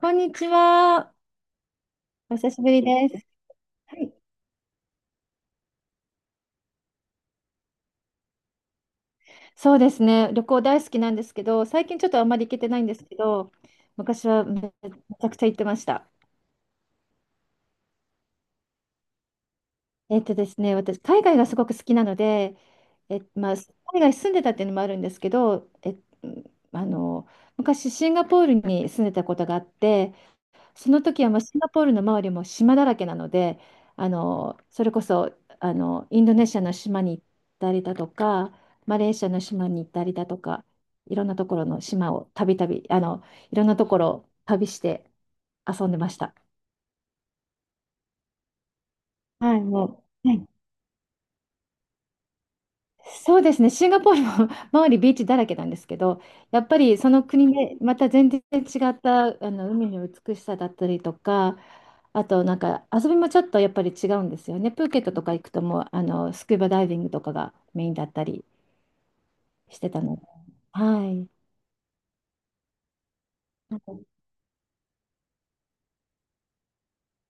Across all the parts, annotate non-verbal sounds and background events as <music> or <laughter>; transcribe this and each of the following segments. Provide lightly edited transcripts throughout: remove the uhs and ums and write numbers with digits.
こんにちは。お久しぶりです。はい。そうですね、旅行大好きなんですけど、最近ちょっとあんまり行けてないんですけど、昔はちゃくちゃ行ってました。えっとですね、私、海外がすごく好きなので、え、まあ、海外住んでたっていうのもあるんですけど、え、あの、昔シンガポールに住んでたことがあって、その時はもうシンガポールの周りも島だらけなので、それこそインドネシアの島に行ったりだとか、マレーシアの島に行ったりだとか、いろんなところの島をたびたび、いろんなところを旅して遊んでました。はい、もう、はい、そうですね、シンガポールも <laughs> 周りビーチだらけなんですけど、やっぱりその国でまた全然違ったあの海の美しさだったりとか、あとなんか遊びもちょっとやっぱり違うんですよね。プーケットとか行くともうあのスキューバダイビングとかがメインだったりしてたので、はい。なんか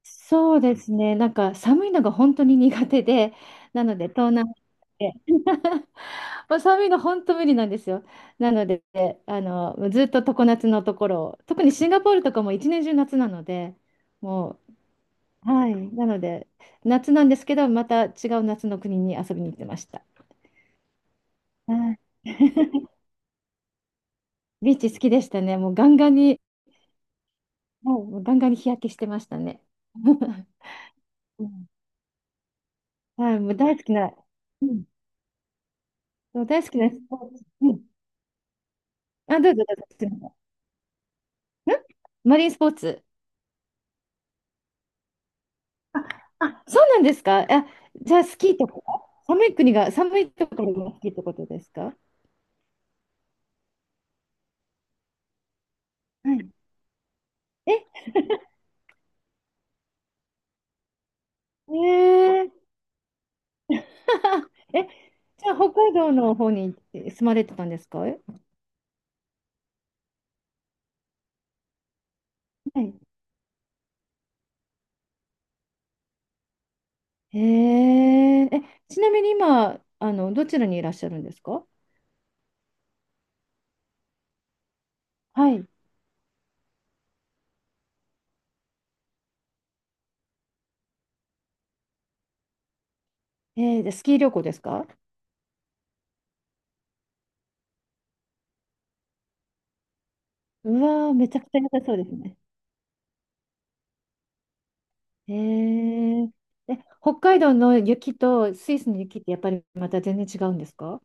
そうですね、なんか寒いのが本当に苦手で、なので東南アジアで。 <laughs> まあ、寒いの本当無理なんですよ。なので、あの、ずっと常夏のところを、特にシンガポールとかも一年中夏なので、もう、はい、なので、夏なんですけど、また違う夏の国に遊びに行ってました。はい。 <laughs> ビーチ好きでしたね。もうガンガンに、はい、もうガンガンに日焼けしてましたね。<laughs> うん。はい、もう大好きな、うん、そう大好きなスポーツ。うん、あ、どうぞどうぞ。すみません。マリンスポーツ。あ、そうなんですか。あ、じゃあスキーとか、寒いところが好きってことですか？はい。え、えー、<laughs> え、じゃあ北海道の方に住まれてたんですか？え、はい。えー、え、ちなみに今、あの、どちらにいらっしゃるんですか？はい。えー、じゃあスキー旅行ですか？うわー、めちゃくちゃ良さそうですね。えー、北海道の雪とスイスの雪ってやっぱりまた全然違うんですか？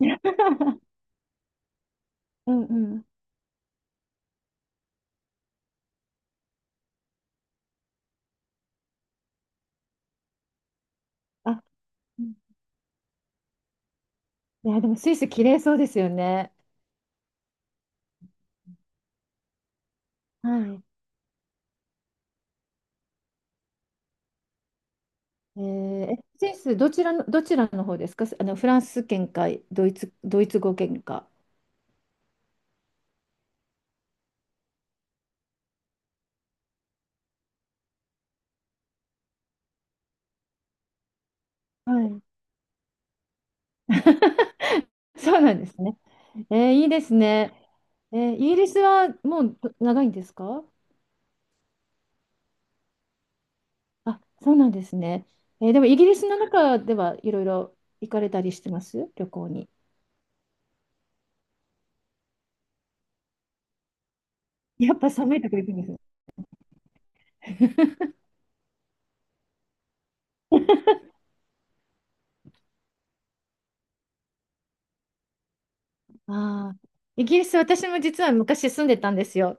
<laughs> うんうん。あいや、でもスイス綺麗そうですよね。はい。えー、えスイスどちらの方ですか？あの、フランス圏か、ドイツ語圏か。はい。<laughs> そうなんですね。えー、いいですね。えー、イギリスはもう長いんですか？あ、そうなんですね。えー、でもイギリスの中ではいろいろ行かれたりしてます旅行に？やっぱ寒いとこ行くんですね。ああ、イギリス私も実は昔住んでたんですよ。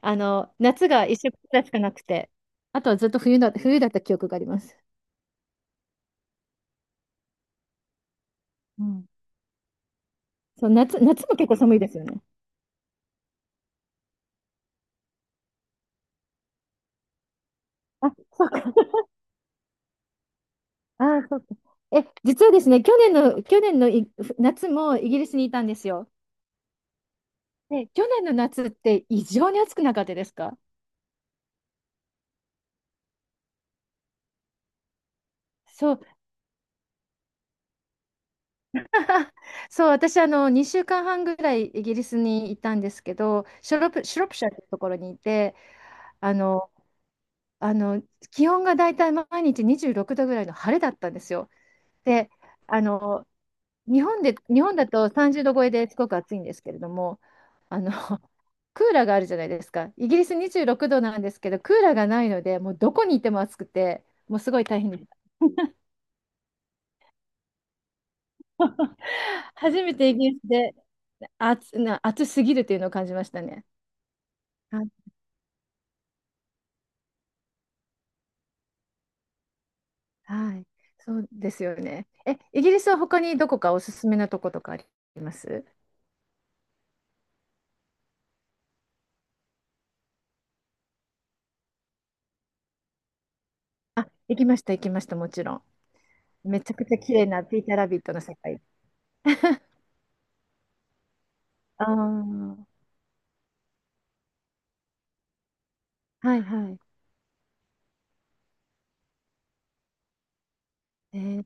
あの、夏が一色くらいしかなくて、あとはずっと冬だった記憶があります。うん。そう、夏も結構寒いですよね。あ、そうか。あー、そうか。え、実はですね、去年の夏もイギリスにいたんですよ。で、去年の夏って異常に暑くなかったですか？そう、<laughs> そう、私、あの、2週間半ぐらいイギリスにいたんですけど、シュロプシャーってところにいて、あの、あの、気温がだいたい毎日26度ぐらいの晴れだったんですよ。で、あの、日本だと30度超えですごく暑いんですけれども、あの、<laughs> クーラーがあるじゃないですか。イギリス26度なんですけど、クーラーがないので、もうどこにいても暑くて、もうすごい大変です。<laughs> 初めてイギリスで暑すぎるというのを感じましたね。はい、はい、そうですよね。え、イギリスは他にどこかおすすめなとことかあります？あ、行きました、もちろん。めちゃくちゃ綺麗なピーターラビットの世界。ああ、はいはい。えー、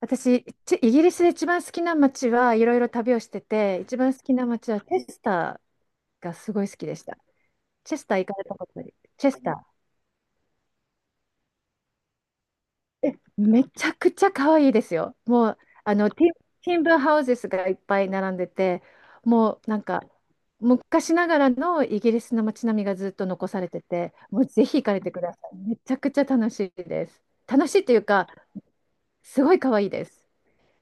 私、ちイギリスで一番好きな街はいろいろ旅をしてて、一番好きな街はチェスターがすごい好きでした。チェスター行かれたことあり、チェスター。え、めちゃくちゃ可愛いですよ。もう、あの、ティンブーハウゼスがいっぱい並んでて、もうなんか、昔ながらのイギリスの街並みがずっと残されてて、もうぜひ行かれてください。めちゃくちゃ楽しいです。楽しいというか、すごい可愛いです。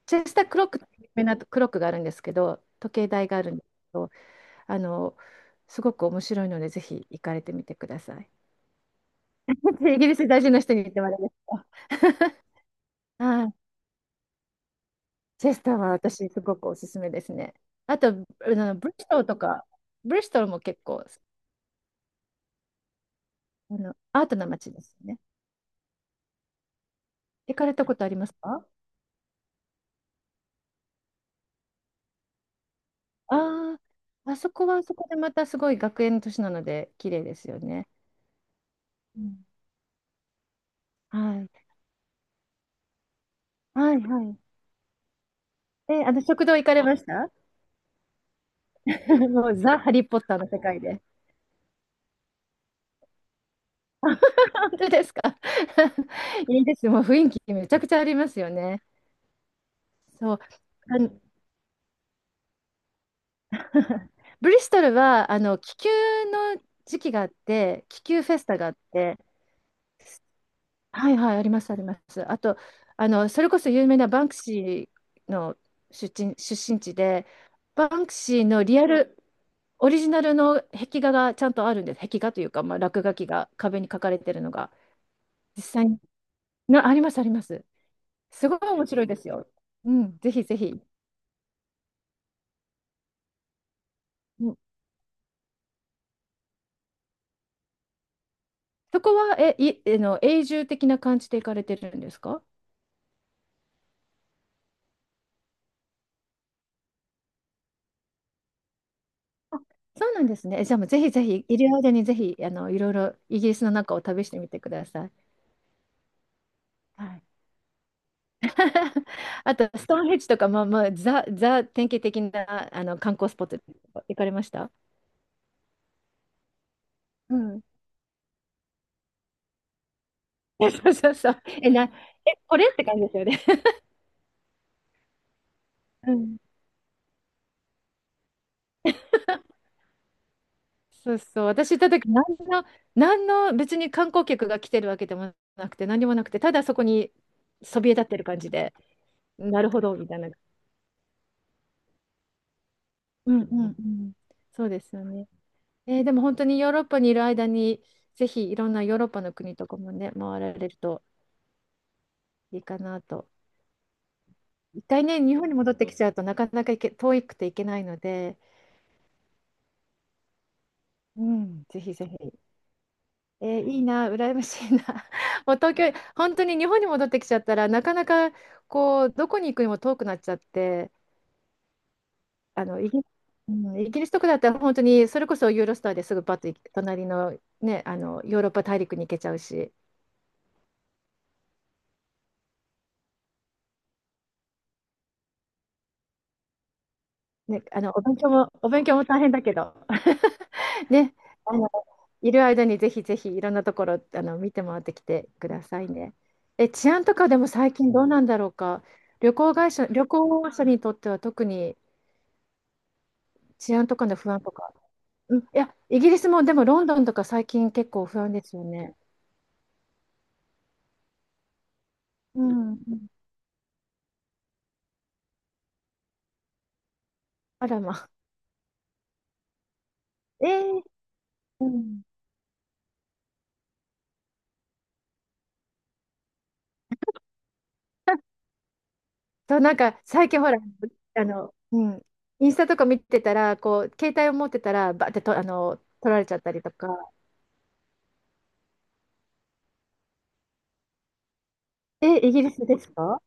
チェスタークロックって有名なクロックがあるんですけど、時計台があるんですけど、あの、すごく面白いので、ぜひ行かれてみてください。<laughs> イギリス在住の人に言ってもらいました。はい、チェスターは私、すごくおすすめですね。あと、あの、ブリストルとか、ブリストルも結構、あの、アートな街ですね。行かれたことありますか？ああ、あそこはあそこでまたすごい学園都市なので、綺麗ですよね。うん。はい。はいはい。え、あの、食堂行かれました？ <laughs> もうザ・ハリー・ポッターの世界で。<laughs> 本当ですか？ <laughs> いいです、もう雰囲気めちゃくちゃありますよね。そう。あの <laughs> ブリストルは、あの、気球の時期があって、気球フェスタがあって、はいはい、あります。あと、あの、それこそ有名なバンクシーの出身地で、バンクシーのリアル、オリジナルの壁画がちゃんとあるんです。壁画というか、まあ、落書きが壁に書かれてるのが、実際に、あります、あります。すごい面白いですよ。うん、ぜひぜひ。うん、そこは、あの、永住的な感じで行かれてるんですか？そうなんですね。え、じゃあもうぜひぜひ、いる間にぜひ、あの、いろいろイギリスの中を旅してみてください。はい。<laughs> あと、ストーンヘッジとか、まあまあ、典型的な、あの、観光スポット行かれました？うん。<laughs> そうそうそう。え、な、え、これって感じですよね。うん。そうそう。私行った時、何の別に観光客が来てるわけでもなくて、何もなくて、ただそこにそびえ立ってる感じで、なるほど、みたいな。うんうんうん。そうですよね。えー、でも本当にヨーロッパにいる間に、ぜひいろんなヨーロッパの国とかもね、回られるといいかなと。一回ね、日本に戻ってきちゃうとなかなか遠くて行けないので、うん、ぜひぜひ。えー、いいな、羨ましいな。<laughs> もう東京、本当に日本に戻ってきちゃったらなかなかこうどこに行くにも遠くなっちゃって、あのイギ、うんイギリスとかだったら本当にそれこそユーロスターですぐパッと行け隣の、ね、あのヨーロッパ大陸に行けちゃうし、ね、お勉強も大変だけど、<laughs> ね、あのいる間にぜひぜひいろんなところあの見て回ってきてくださいね。え、治安とかでも最近どうなんだろうか。旅行会社、旅行者にとっては特に。治安とかの不安とか。うん、いや、イギリスもでもロンドンとか最近結構不安ですよね。うん。あらまあ。えー、うん。そう、なんか最近ほら、あの、うん、インスタとか見てたら、こう、携帯を持ってたら、バーってと、あの、取られちゃったりとか。え、イギリスですか？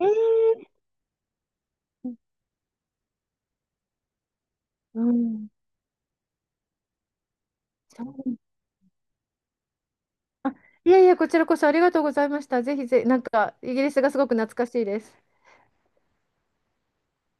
えー、うん。そう、いやいや、こちらこそありがとうございました。ぜひぜ、なんか、イギリスがすごく懐かしいです。